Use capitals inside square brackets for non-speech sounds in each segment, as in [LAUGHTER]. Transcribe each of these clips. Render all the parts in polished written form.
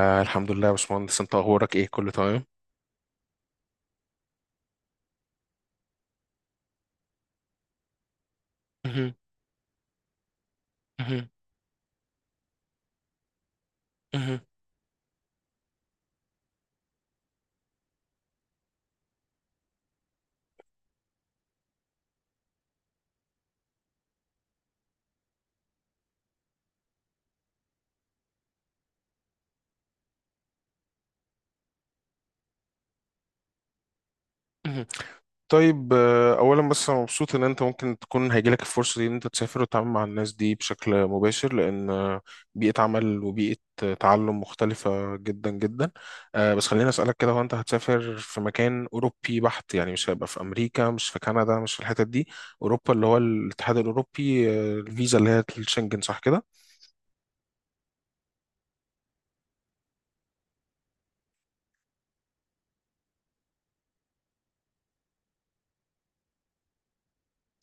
الحمد لله يا باشمهندس، انت اخبارك ايه، كله تمام. مهم. مهم. مهم. مهم. طيب اولا بس انا مبسوط ان انت ممكن تكون هيجيلك الفرصه دي ان انت تسافر وتتعامل مع الناس دي بشكل مباشر، لان بيئه عمل وبيئه تعلم مختلفه جدا جدا. بس خليني اسالك كده، هو انت هتسافر في مكان اوروبي بحت يعني؟ مش هيبقى في امريكا، مش في كندا، مش في الحتت دي، اوروبا اللي هو الاتحاد الاوروبي، الفيزا اللي هي الشنجن صح كده؟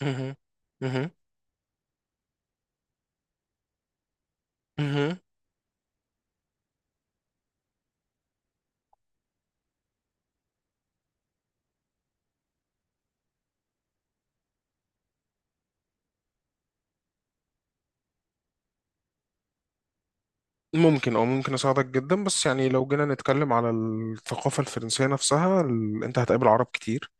مهم. مهم. مهم. ممكن او ممكن اساعدك جدا. بس يعني لو جينا نتكلم على الثقافه الفرنسيه نفسها، انت هتقابل عرب كتير،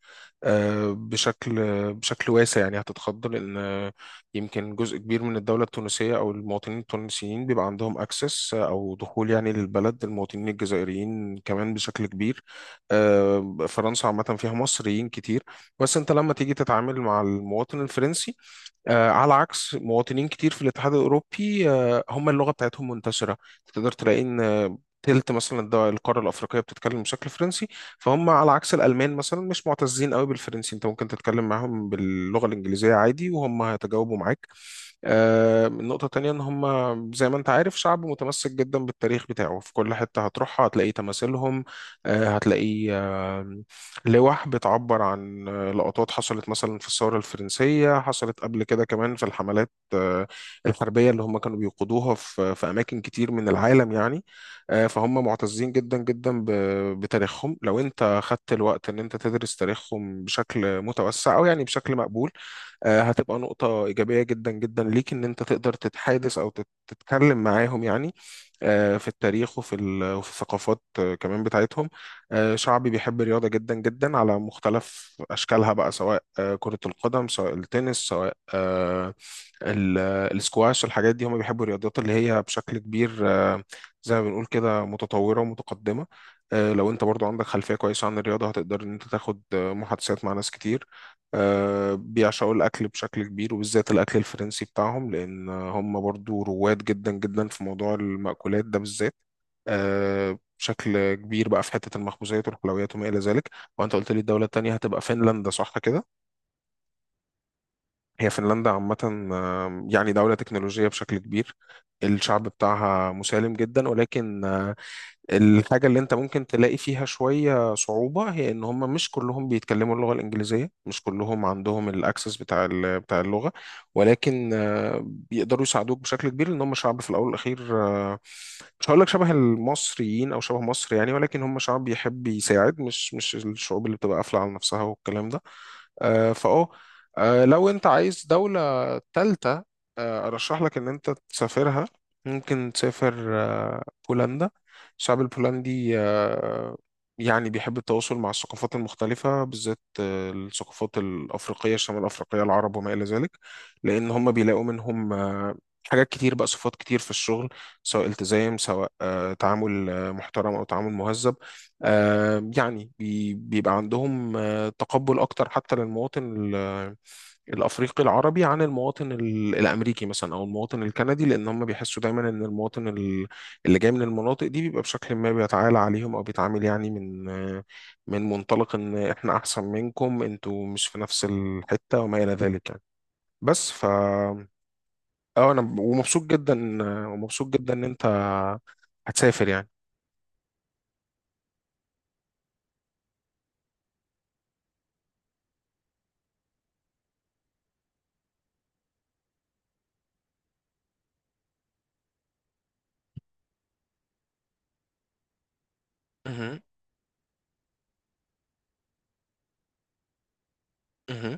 آه، بشكل بشكل واسع يعني، هتتخض لأن يمكن جزء كبير من الدولة التونسية أو المواطنين التونسيين بيبقى عندهم أكسس أو دخول يعني للبلد، المواطنين الجزائريين كمان بشكل كبير. فرنسا عامة فيها مصريين كتير. بس أنت لما تيجي تتعامل مع المواطن الفرنسي، على عكس مواطنين كتير في الاتحاد الأوروبي، هم اللغة بتاعتهم منتشرة، تقدر تلاقي إن تلت مثلا القارة الأفريقية بتتكلم بشكل فرنسي. فهم على عكس الالمان مثلا مش معتزين قوي بالفرنسي، انت ممكن تتكلم معاهم باللغه الانجليزيه عادي وهم هيتجاوبوا معاك. النقطة التانية إن هم زي ما أنت عارف شعب متمسك جدا بالتاريخ بتاعه، في كل حتة هتروحها هتلاقي تماثيلهم، هتلاقي لوح بتعبر عن لقطات حصلت مثلا في الثورة الفرنسية، حصلت قبل كده كمان في الحملات الحربية اللي هم كانوا بيقودوها في أماكن كتير من العالم يعني. فهم معتزين جدا جدا بتاريخهم. لو أنت خدت الوقت إن أنت تدرس تاريخهم بشكل متوسع أو يعني بشكل مقبول، هتبقى نقطة إيجابية جدا جدا ليك إن أنت تقدر تتحادث أو تتكلم معاهم يعني في التاريخ وفي وفي الثقافات كمان بتاعتهم. شعبي بيحب الرياضة جدا جدا على مختلف أشكالها بقى، سواء كرة القدم، سواء التنس، سواء ال- السكواش، الحاجات دي هم بيحبوا الرياضات اللي هي بشكل كبير زي ما بنقول كده متطورة ومتقدمة. لو انت برضو عندك خلفية كويسة عن الرياضة هتقدر ان انت تاخد محادثات مع ناس كتير. بيعشقوا الأكل بشكل كبير وبالذات الأكل الفرنسي بتاعهم، لأن هم برضو رواد جدا جدا في موضوع المأكولات ده بالذات بشكل كبير بقى في حتة المخبوزات والحلويات وما إلى ذلك. وأنت قلت لي الدولة التانية هتبقى فنلندا صح كده؟ هي فنلندا عامة يعني دولة تكنولوجية بشكل كبير، الشعب بتاعها مسالم جدا ولكن الحاجة اللي انت ممكن تلاقي فيها شوية صعوبة هي ان هم مش كلهم بيتكلموا اللغة الانجليزية، مش كلهم عندهم الاكسس بتاع بتاع اللغة. ولكن بيقدروا يساعدوك بشكل كبير لان هم شعب في الاول والاخير، مش هقول لك شبه المصريين او شبه مصر يعني، ولكن هم شعب بيحب يساعد، مش الشعوب اللي بتبقى قافلة على نفسها والكلام ده. آه، فاه لو انت عايز دولة تالتة، ارشح لك ان انت تسافرها، ممكن تسافر بولندا. الشعب البولندي يعني بيحب التواصل مع الثقافات المختلفة، بالذات الثقافات الأفريقية، الشمال الأفريقية، العرب وما إلى ذلك، لأن هم بيلاقوا منهم حاجات كتير بقى، صفات كتير في الشغل، سواء التزام، سواء تعامل محترم أو تعامل مهذب. يعني بيبقى عندهم تقبل أكتر حتى للمواطن الافريقي العربي عن المواطن الامريكي مثلا او المواطن الكندي، لان هم بيحسوا دايما ان المواطن اللي جاي من المناطق دي بيبقى بشكل ما بيتعالى عليهم او بيتعامل يعني من منطلق ان احنا احسن منكم، انتوا مش في نفس الحتة وما الى ذلك يعني. بس ف اه انا ومبسوط جدا، ومبسوط جدا ان انت هتسافر يعني. مهم. مهم.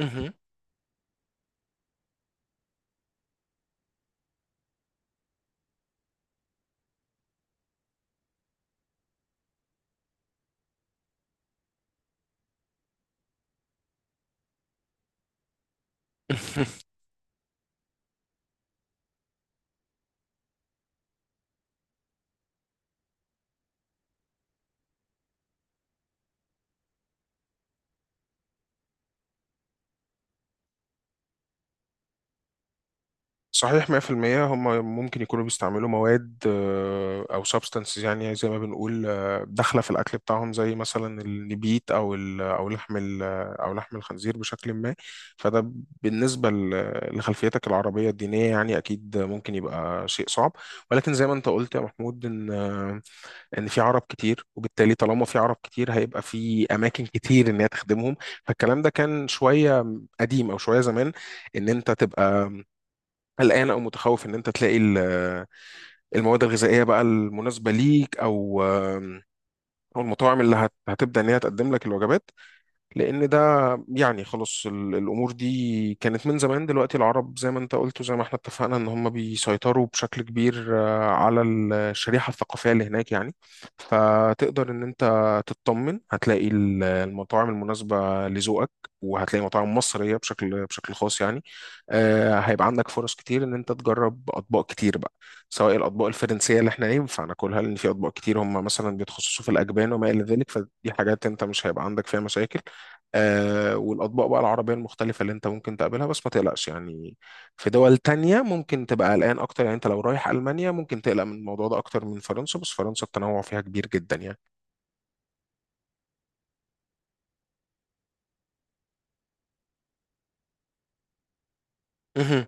مهم. [LAUGHS] صحيح 100%. هم ممكن يكونوا بيستعملوا مواد او سبستانسز يعني زي ما بنقول، داخله في الاكل بتاعهم، زي مثلا النبيت او لحم الخنزير بشكل ما. فده بالنسبه لخلفيتك العربيه الدينيه يعني اكيد ممكن يبقى شيء صعب. ولكن زي ما انت قلت يا محمود، ان ان في عرب كتير، وبالتالي طالما في عرب كتير هيبقى في اماكن كتير ان هي تخدمهم. فالكلام ده كان شويه قديم او شويه زمان، ان انت تبقى قلقان او متخوف ان انت تلاقي المواد الغذائيه بقى المناسبه ليك، او المطاعم اللي هتبدا ان هي تقدم لك الوجبات، لان ده يعني خلاص الامور دي كانت من زمان. دلوقتي العرب زي ما انت قلت وزي ما احنا اتفقنا ان هم بيسيطروا بشكل كبير على الشريحه الثقافيه اللي هناك يعني. فتقدر ان انت تطمن، هتلاقي المطاعم المناسبه لذوقك، وهتلاقي مطاعم مصريه بشكل خاص يعني. هيبقى عندك فرص كتير ان انت تجرب اطباق كتير بقى، سواء الاطباق الفرنسيه اللي احنا ينفع ناكلها، لان في اطباق كتير هم مثلا بيتخصصوا في الاجبان وما الى ذلك، فدي حاجات انت مش هيبقى عندك فيها مشاكل. والأطباق بقى العربية المختلفة اللي أنت ممكن تقابلها، بس ما تقلقش يعني. في دول تانية ممكن تبقى قلقان أكتر يعني، أنت لو رايح ألمانيا ممكن تقلق من الموضوع ده أكتر من فرنسا، بس فرنسا التنوع فيها كبير جدا يعني. مهم.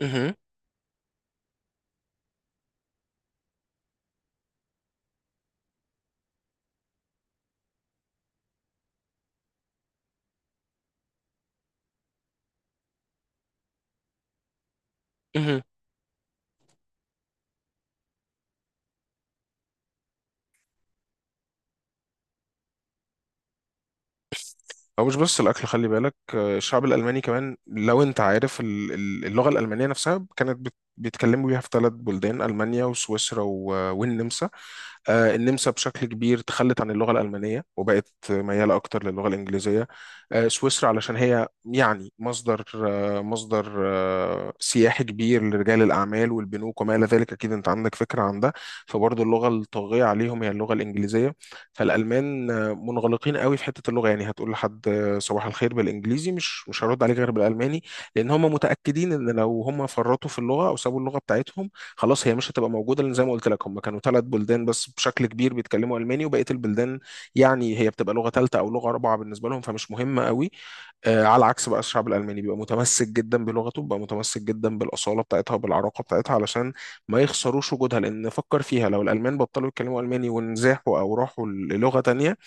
مهم. مهم. أو مش بس الأكل خلي بالك، الشعب الألماني كمان، لو أنت عارف اللغة الألمانية نفسها كانت بيتكلموا بيها في ثلاث بلدان، ألمانيا وسويسرا والنمسا. النمسا بشكل كبير تخلت عن اللغة الألمانية وبقت ميالة أكتر للغة الإنجليزية. سويسرا علشان هي يعني مصدر مصدر سياحي كبير لرجال الأعمال والبنوك وما إلى ذلك، أكيد أنت عندك فكرة عن ده، فبرضه اللغة الطاغية عليهم هي اللغة الإنجليزية. فالألمان منغلقين قوي في حتة اللغة يعني، هتقول لحد صباح الخير بالإنجليزي، مش هرد عليك غير بالألماني. لأن هم متأكدين إن لو هم فرطوا في اللغة أو سابوا اللغة بتاعتهم خلاص هي مش هتبقى موجوده، لان زي ما قلت لك هم كانوا ثلاث بلدان بس بشكل كبير بيتكلموا الماني، وبقيه البلدان يعني هي بتبقى لغه ثالثه او لغه رابعه بالنسبه لهم فمش مهمه قوي. على عكس بقى الشعب الالماني بيبقى متمسك جدا بلغته، بيبقى متمسك جدا بالاصاله بتاعتها وبالعراقه بتاعتها علشان ما يخسروش وجودها. لان فكر فيها، لو الالمان بطلوا يتكلموا الماني ونزاحوا او راحوا للغه تانية،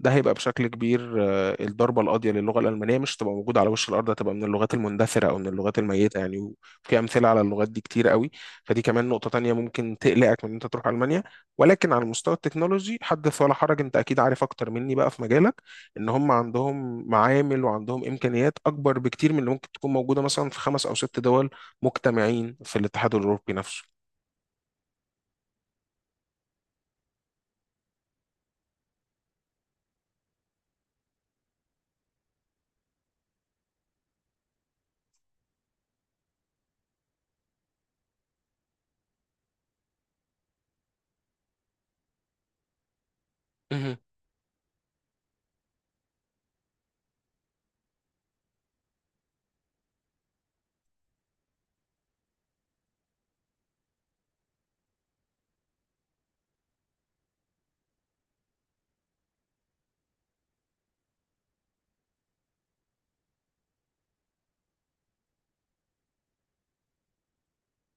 ده هيبقى بشكل كبير الضربة القاضية للغة الألمانية، مش هتبقى موجودة على وش الأرض، هتبقى من اللغات المندثرة أو من اللغات الميتة يعني، وفي أمثلة على اللغات دي كتير قوي. فدي كمان نقطة تانية ممكن تقلقك من إن أنت تروح ألمانيا. ولكن على المستوى التكنولوجي حدث ولا حرج، أنت أكيد عارف أكتر مني بقى في مجالك، إن هم عندهم معامل وعندهم إمكانيات أكبر بكتير من اللي ممكن تكون موجودة مثلا في خمس أو ست دول مجتمعين في الاتحاد الأوروبي نفسه.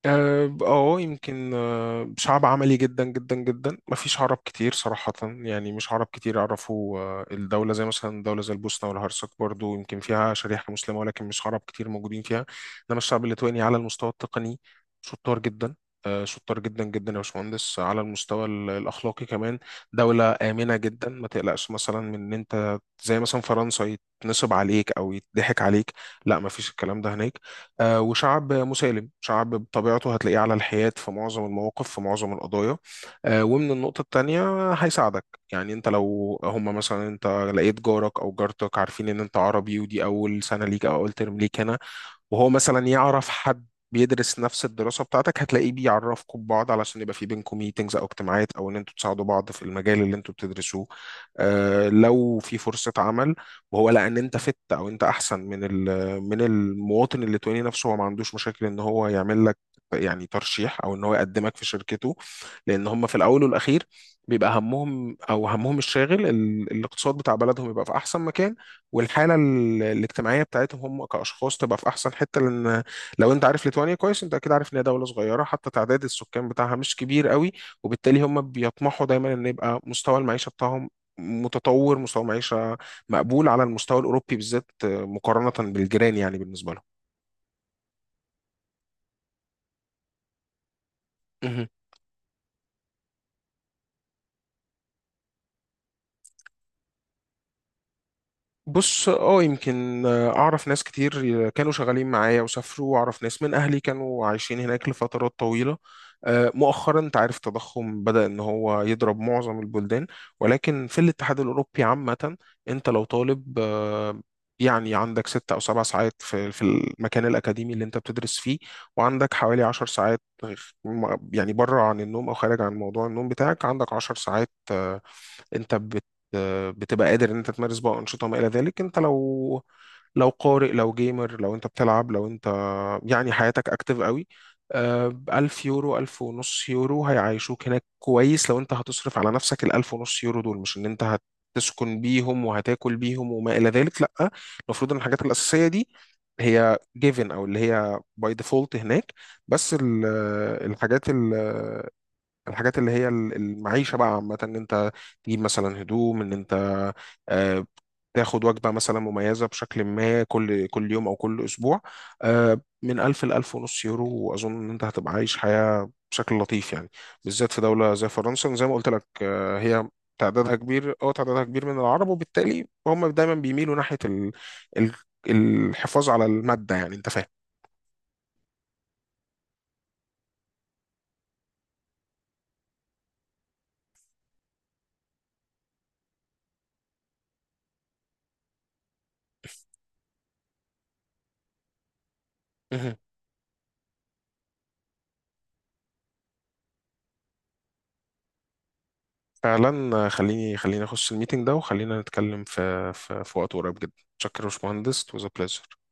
يمكن شعب عملي جدا جدا جدا، ما فيش عرب كتير صراحة يعني، مش عرب كتير يعرفوا الدولة، زي مثلا دولة زي البوسنة والهرسك برضو يمكن فيها شريحة مسلمة ولكن مش عرب كتير موجودين فيها. إنما الشعب الليتواني على المستوى التقني شطار جدا، شطار جدا جدا يا باشمهندس. على المستوى الأخلاقي كمان دولة آمنة جدا، ما تقلقش مثلا من إن أنت زي مثلا فرنسا يتنصب عليك أو يتضحك عليك، لا ما فيش الكلام ده هناك. وشعب مسالم، شعب بطبيعته هتلاقيه على الحياد في معظم المواقف في معظم القضايا. ومن النقطة التانية هيساعدك يعني، انت لو هما مثلا، انت لقيت جارك او جارتك عارفين ان انت عربي ودي اول سنة ليك او اول ترم ليك هنا، وهو مثلا يعرف حد بيدرس نفس الدراسة بتاعتك، هتلاقيه بيعرفكم ببعض علشان يبقى في بينكم ميتنجز أو اجتماعات أو إن أنتوا تساعدوا بعض في المجال اللي أنتوا بتدرسوه. آه لو في فرصة عمل وهو لقى إن أنت فت أو أنت أحسن من من المواطن الليتواني نفسه، هو ما عندوش مشاكل إن هو يعمل لك يعني ترشيح أو إن هو يقدمك في شركته. لأن هم في الأول والأخير بيبقى همهم أو همهم الشاغل الاقتصاد بتاع بلدهم يبقى في أحسن مكان، والحاله الاجتماعيه بتاعتهم هم كاشخاص تبقى في احسن حته. لان لو انت عارف ليتوانيا كويس انت اكيد عارف ان هي دوله صغيره، حتى تعداد السكان بتاعها مش كبير قوي، وبالتالي هم بيطمحوا دايما ان يبقى مستوى المعيشه بتاعهم متطور، مستوى معيشه مقبول على المستوى الاوروبي بالذات مقارنه بالجيران يعني بالنسبه لهم. بص يمكن اعرف ناس كتير كانوا شغالين معايا وسافروا، واعرف ناس من اهلي كانوا عايشين هناك لفترات طويلة. مؤخرا انت عارف التضخم بدأ ان هو يضرب معظم البلدان، ولكن في الاتحاد الاوروبي عامة، انت لو طالب يعني عندك ست او سبع ساعات في المكان الاكاديمي اللي انت بتدرس فيه، وعندك حوالي عشر ساعات يعني بره عن النوم او خارج عن موضوع النوم بتاعك، عندك عشر ساعات انت بتبقى قادر ان انت تمارس بقى انشطه ما الى ذلك. انت لو قارئ لو جيمر لو انت بتلعب لو انت يعني حياتك اكتف قوي، ألف يورو، ألف ونص يورو هيعيشوك هناك كويس. لو انت هتصرف على نفسك الألف ونص يورو دول، مش ان انت هتسكن بيهم وهتاكل بيهم وما إلى ذلك لأ، المفروض ان الحاجات الأساسية دي هي given أو اللي هي by default هناك. بس الحاجات اللي هي المعيشة بقى عامة ان انت تجيب مثلا هدوم، ان انت آه، تاخد وجبة مثلا مميزة بشكل ما كل كل يوم او كل اسبوع، من 1000 ل 1000 ونص يورو، واظن ان انت هتبقى عايش حياة بشكل لطيف يعني. بالذات في دولة زي فرنسا زي ما قلت لك، هي تعدادها كبير، تعدادها كبير من العرب وبالتالي هم دايما بيميلوا ناحية ال- الحفاظ على المادة يعني، انت فاهم. فعلا خليني، خليني اخش الميتنج ده وخلينا نتكلم في, وقت قريب جدا. شكرا يا باشمهندس it was a pleasure